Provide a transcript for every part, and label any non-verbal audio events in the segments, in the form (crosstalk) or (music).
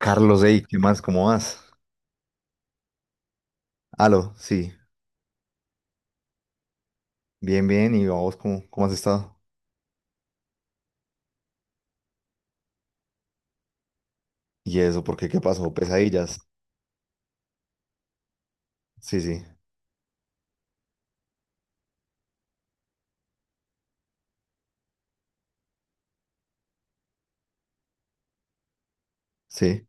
Carlos, hey, ¿qué más? ¿Cómo vas? Aló, sí, bien, bien, y vos, ¿cómo has estado? ¿Y eso? ¿Por qué? ¿Qué pasó? ¿Pesadillas? Sí, sí, sí,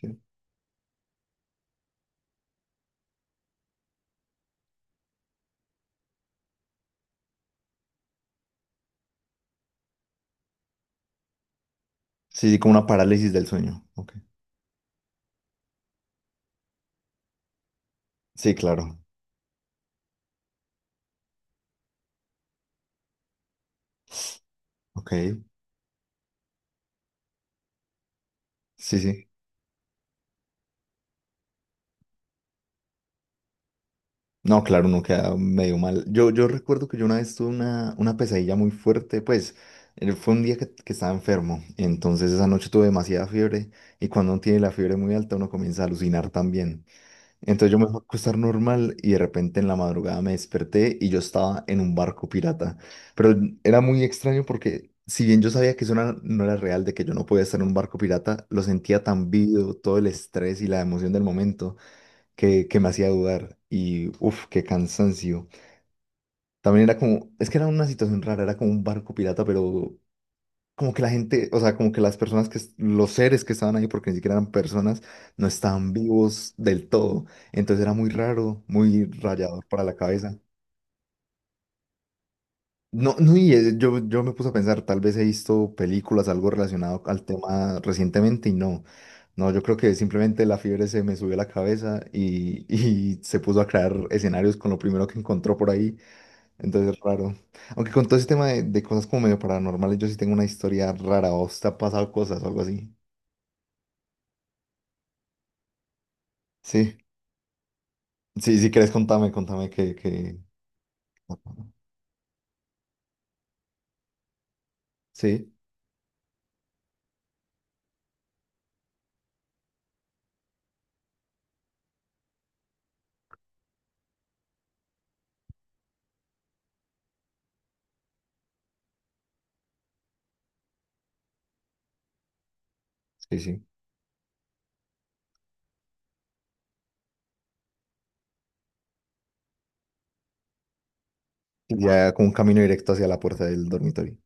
sí, sí, sí, como una parálisis del sueño. Ok. Sí, claro, ok, sí, sí. No, claro, uno queda medio mal. Yo recuerdo que yo una vez tuve una pesadilla muy fuerte, pues fue un día que estaba enfermo, entonces esa noche tuve demasiada fiebre y cuando uno tiene la fiebre muy alta uno comienza a alucinar también. Entonces yo me fui a acostar normal y de repente en la madrugada me desperté y yo estaba en un barco pirata. Pero era muy extraño porque si bien yo sabía que eso no era real, de que yo no podía estar en un barco pirata, lo sentía tan vivo, todo el estrés y la emoción del momento que me hacía dudar. Y uff, qué cansancio. También era como, es que era una situación rara, era como un barco pirata, pero como que la gente, o sea, como que las personas que, los seres que estaban ahí, porque ni siquiera eran personas, no estaban vivos del todo. Entonces era muy raro, muy rayador para la cabeza. No, no, y yo me puse a pensar, tal vez he visto películas, algo relacionado al tema recientemente y no. No, yo creo que simplemente la fiebre se me subió a la cabeza y, (laughs) y se puso a crear escenarios con lo primero que encontró por ahí. Entonces, es raro. Aunque con todo ese tema de cosas como medio paranormales, yo sí tengo una historia rara. ¿O te ha pasado cosas o algo así? Sí, sí, si quieres, contame que... Sí, sí, sí. Ya con un camino directo hacia la puerta del dormitorio.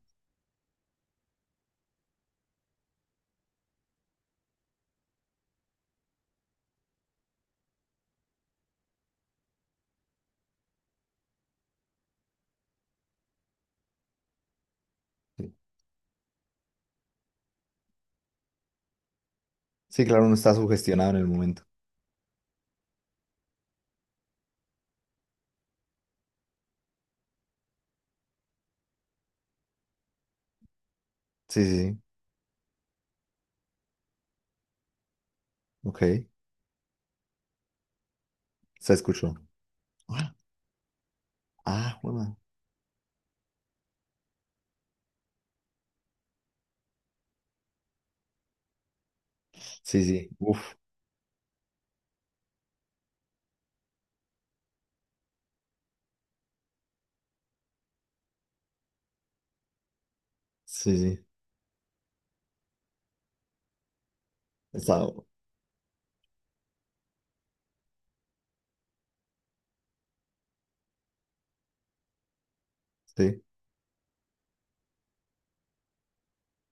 Sí, claro, uno está sugestionado en el momento. Sí, sí, sí. Ok, se escuchó. Ah, ah, bueno. Sí, sí. Uf, sí, sí. Está... Sí.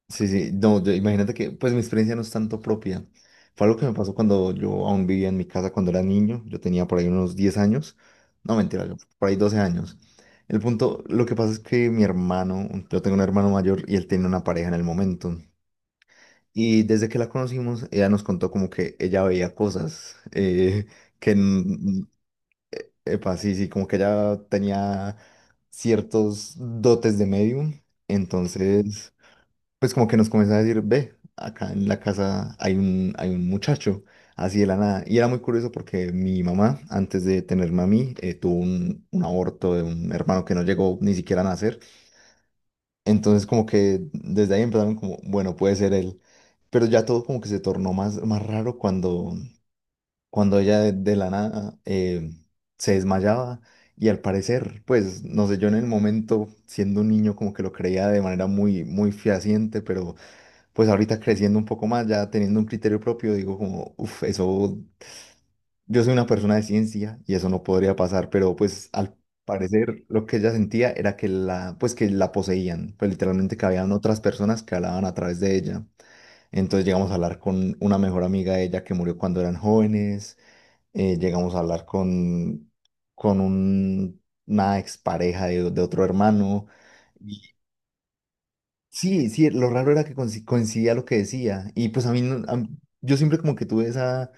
Sí, sí, no, imagínate que, pues mi experiencia no es tanto propia. Fue algo que me pasó cuando yo aún vivía en mi casa cuando era niño. Yo tenía por ahí unos 10 años. No, mentira, yo por ahí 12 años. El punto, lo que pasa es que mi hermano, yo tengo un hermano mayor y él tenía una pareja en el momento. Y desde que la conocimos, ella nos contó como que ella veía cosas, (laughs) que, epa, sí, sí, como que ella tenía ciertos dotes de medium. Ok. Entonces pues como que nos comenzó a decir, ve, acá en la casa hay un muchacho, así de la nada. Y era muy curioso porque mi mamá, antes de tenerme a mí, tuvo un aborto de un hermano que no llegó ni siquiera a nacer. Entonces como que desde ahí empezaron como, bueno, puede ser él. Pero ya todo como que se tornó más raro cuando ella de la nada se desmayaba. Y al parecer, pues, no sé, yo en el momento, siendo un niño, como que lo creía de manera muy, muy fehaciente, pero pues ahorita creciendo un poco más, ya teniendo un criterio propio, digo como, uff, eso, yo soy una persona de ciencia y eso no podría pasar, pero pues al parecer lo que ella sentía era que la, pues que la poseían, pues literalmente que habían otras personas que hablaban a través de ella. Entonces llegamos a hablar con una mejor amiga de ella que murió cuando eran jóvenes, llegamos a hablar con una expareja de otro hermano. Sí, sí, lo raro era que coincidía lo que decía. Y pues a mí, yo siempre como que tuve esa,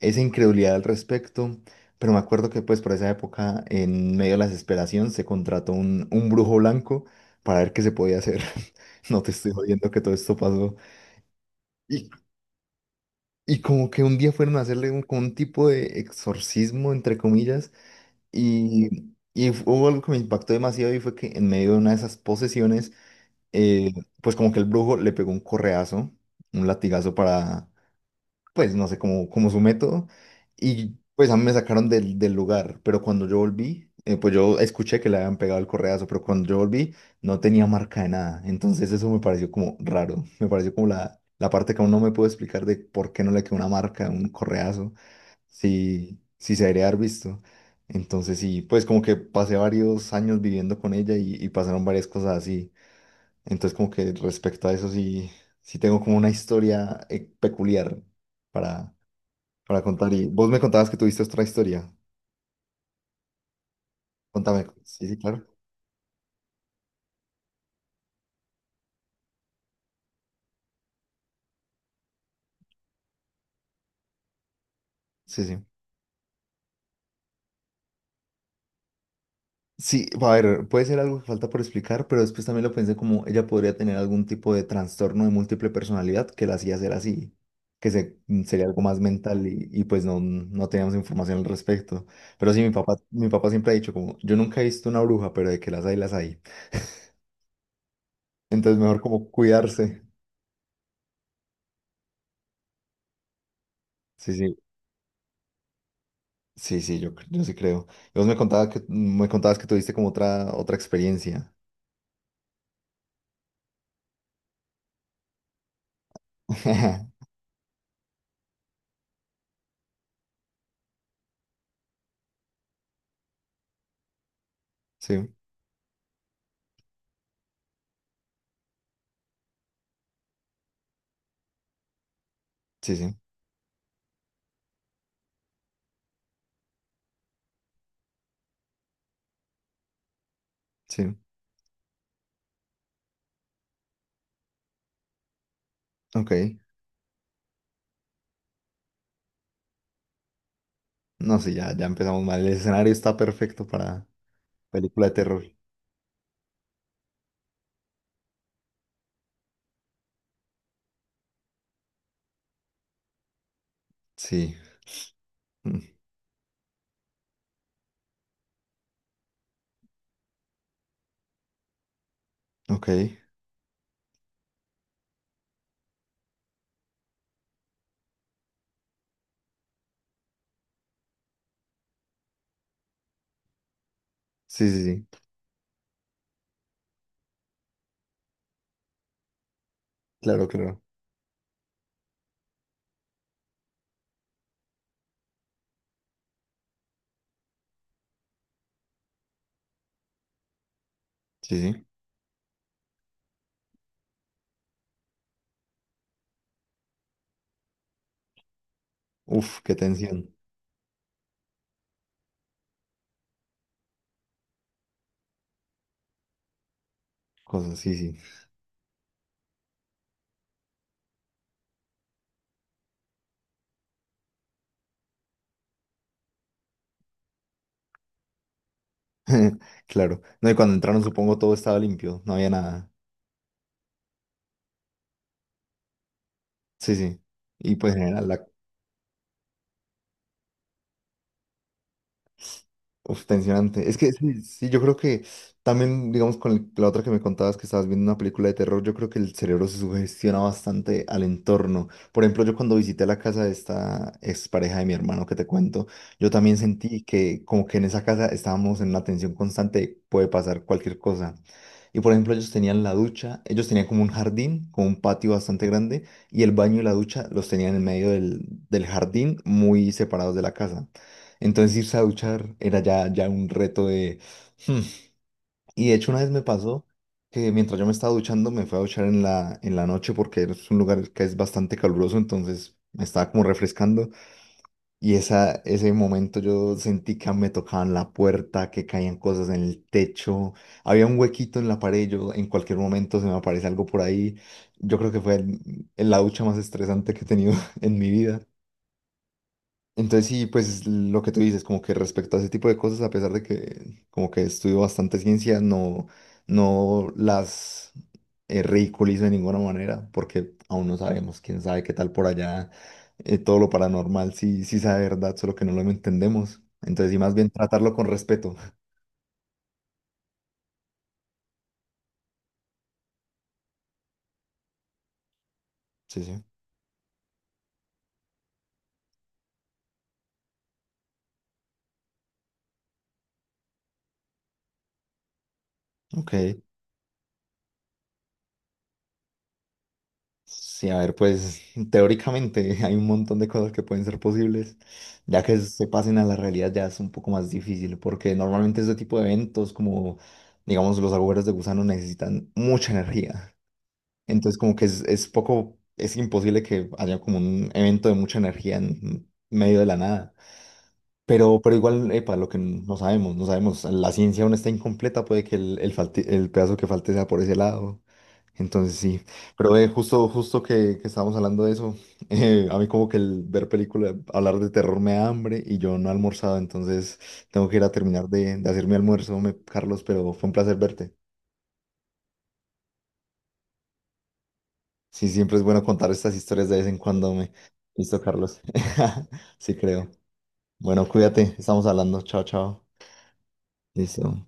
esa incredulidad al respecto, pero me acuerdo que pues por esa época, en medio de la desesperación, se contrató un brujo blanco para ver qué se podía hacer. (laughs) No te estoy jodiendo que todo esto pasó. Y, y como que un día fueron a hacerle un, como un tipo de exorcismo, entre comillas, y hubo algo que me impactó demasiado y fue que en medio de una de esas posesiones, eh, pues como que el brujo le pegó un correazo, un latigazo para, pues no sé, como su método, y pues a mí me sacaron del lugar, pero cuando yo volví, pues yo escuché que le habían pegado el correazo, pero cuando yo volví no tenía marca de nada, entonces eso me pareció como raro, me pareció como la parte que aún no me puedo explicar de por qué no le quedó una marca, un correazo, si se debería haber visto. Entonces sí, pues como que pasé varios años viviendo con ella y pasaron varias cosas así. Entonces, como que respecto a eso sí, sí tengo como una historia peculiar para, para contar. Y vos me contabas que tuviste otra historia. Contame. Sí, sí, claro. Sí, sí. Sí, a ver, puede ser algo que falta por explicar, pero después también lo pensé como ella podría tener algún tipo de trastorno de múltiple personalidad que la hacía ser así, que se, sería algo más mental y pues no, no teníamos información al respecto. Pero sí, mi papá siempre ha dicho como, yo nunca he visto una bruja, pero de que las hay, las hay. Entonces mejor como cuidarse. Sí, sí. Sí, sí, yo, yo sí creo. Y vos me contabas que tuviste como otra experiencia. (laughs) Sí, sí, sí, sí. Ok. No, sí, ya, ya empezamos mal. El escenario está perfecto para película de terror. Sí. Mm. Ok. Sí, sí, sí. Claro, claro. Sí, sí. Uf, qué tensión. Cosas, sí, sí. (laughs) Claro. No, y cuando entraron, supongo todo estaba limpio. No había nada. Sí, sí. Y pues en general, uf, tensionante. Es que sí, sí, yo creo que también, digamos, con la otra que me contabas que estabas viendo una película de terror, yo creo que el cerebro se sugestiona bastante al entorno. Por ejemplo, yo cuando visité la casa de esta expareja de mi hermano que te cuento, yo también sentí que como que en esa casa estábamos en una tensión constante, de puede pasar cualquier cosa. Y por ejemplo, ellos tenían la ducha, ellos tenían como un jardín, como un patio bastante grande, y el baño y la ducha los tenían en medio del jardín, muy separados de la casa. Entonces irse a duchar era ya, ya un reto de. Hmm. Y de hecho una vez me pasó que mientras yo me estaba duchando me fui a duchar en la noche porque es un lugar que es bastante caluroso, entonces me estaba como refrescando y ese momento yo sentí que me tocaban la puerta, que caían cosas en el techo, había un huequito en la pared, yo en cualquier momento se me aparece algo por ahí. Yo creo que fue la ducha más estresante que he tenido (laughs) en mi vida. Entonces sí, pues lo que tú dices, como que respecto a ese tipo de cosas, a pesar de que como que estudio bastante ciencia, no, no las ridiculizo de ninguna manera, porque aún no sabemos, quién sabe qué tal por allá, todo lo paranormal sí, sí sabe verdad, solo que no lo entendemos. Entonces sí, más bien tratarlo con respeto. (laughs) Sí, sí. Ok. Sí, a ver, pues teóricamente (laughs) hay un montón de cosas que pueden ser posibles, ya que se pasen a la realidad ya es un poco más difícil, porque normalmente este tipo de eventos, como digamos los agujeros de gusano, necesitan mucha energía. Entonces como que es poco, es imposible que haya como un evento de mucha energía en medio de la nada. Pero igual, epa, lo que no sabemos, no sabemos, la ciencia aún está incompleta, puede que el pedazo que falte sea por ese lado. Entonces sí, pero justo que estábamos hablando de eso, (laughs) a mí como que el ver películas, hablar de terror me da hambre y yo no he almorzado, entonces tengo que ir a terminar de hacer mi almuerzo, Carlos, pero fue un placer verte. Sí, siempre es bueno contar estas historias de vez en cuando, Listo, Carlos. (laughs) Sí, creo. Bueno, cuídate, estamos hablando. Chao, chao. Listo.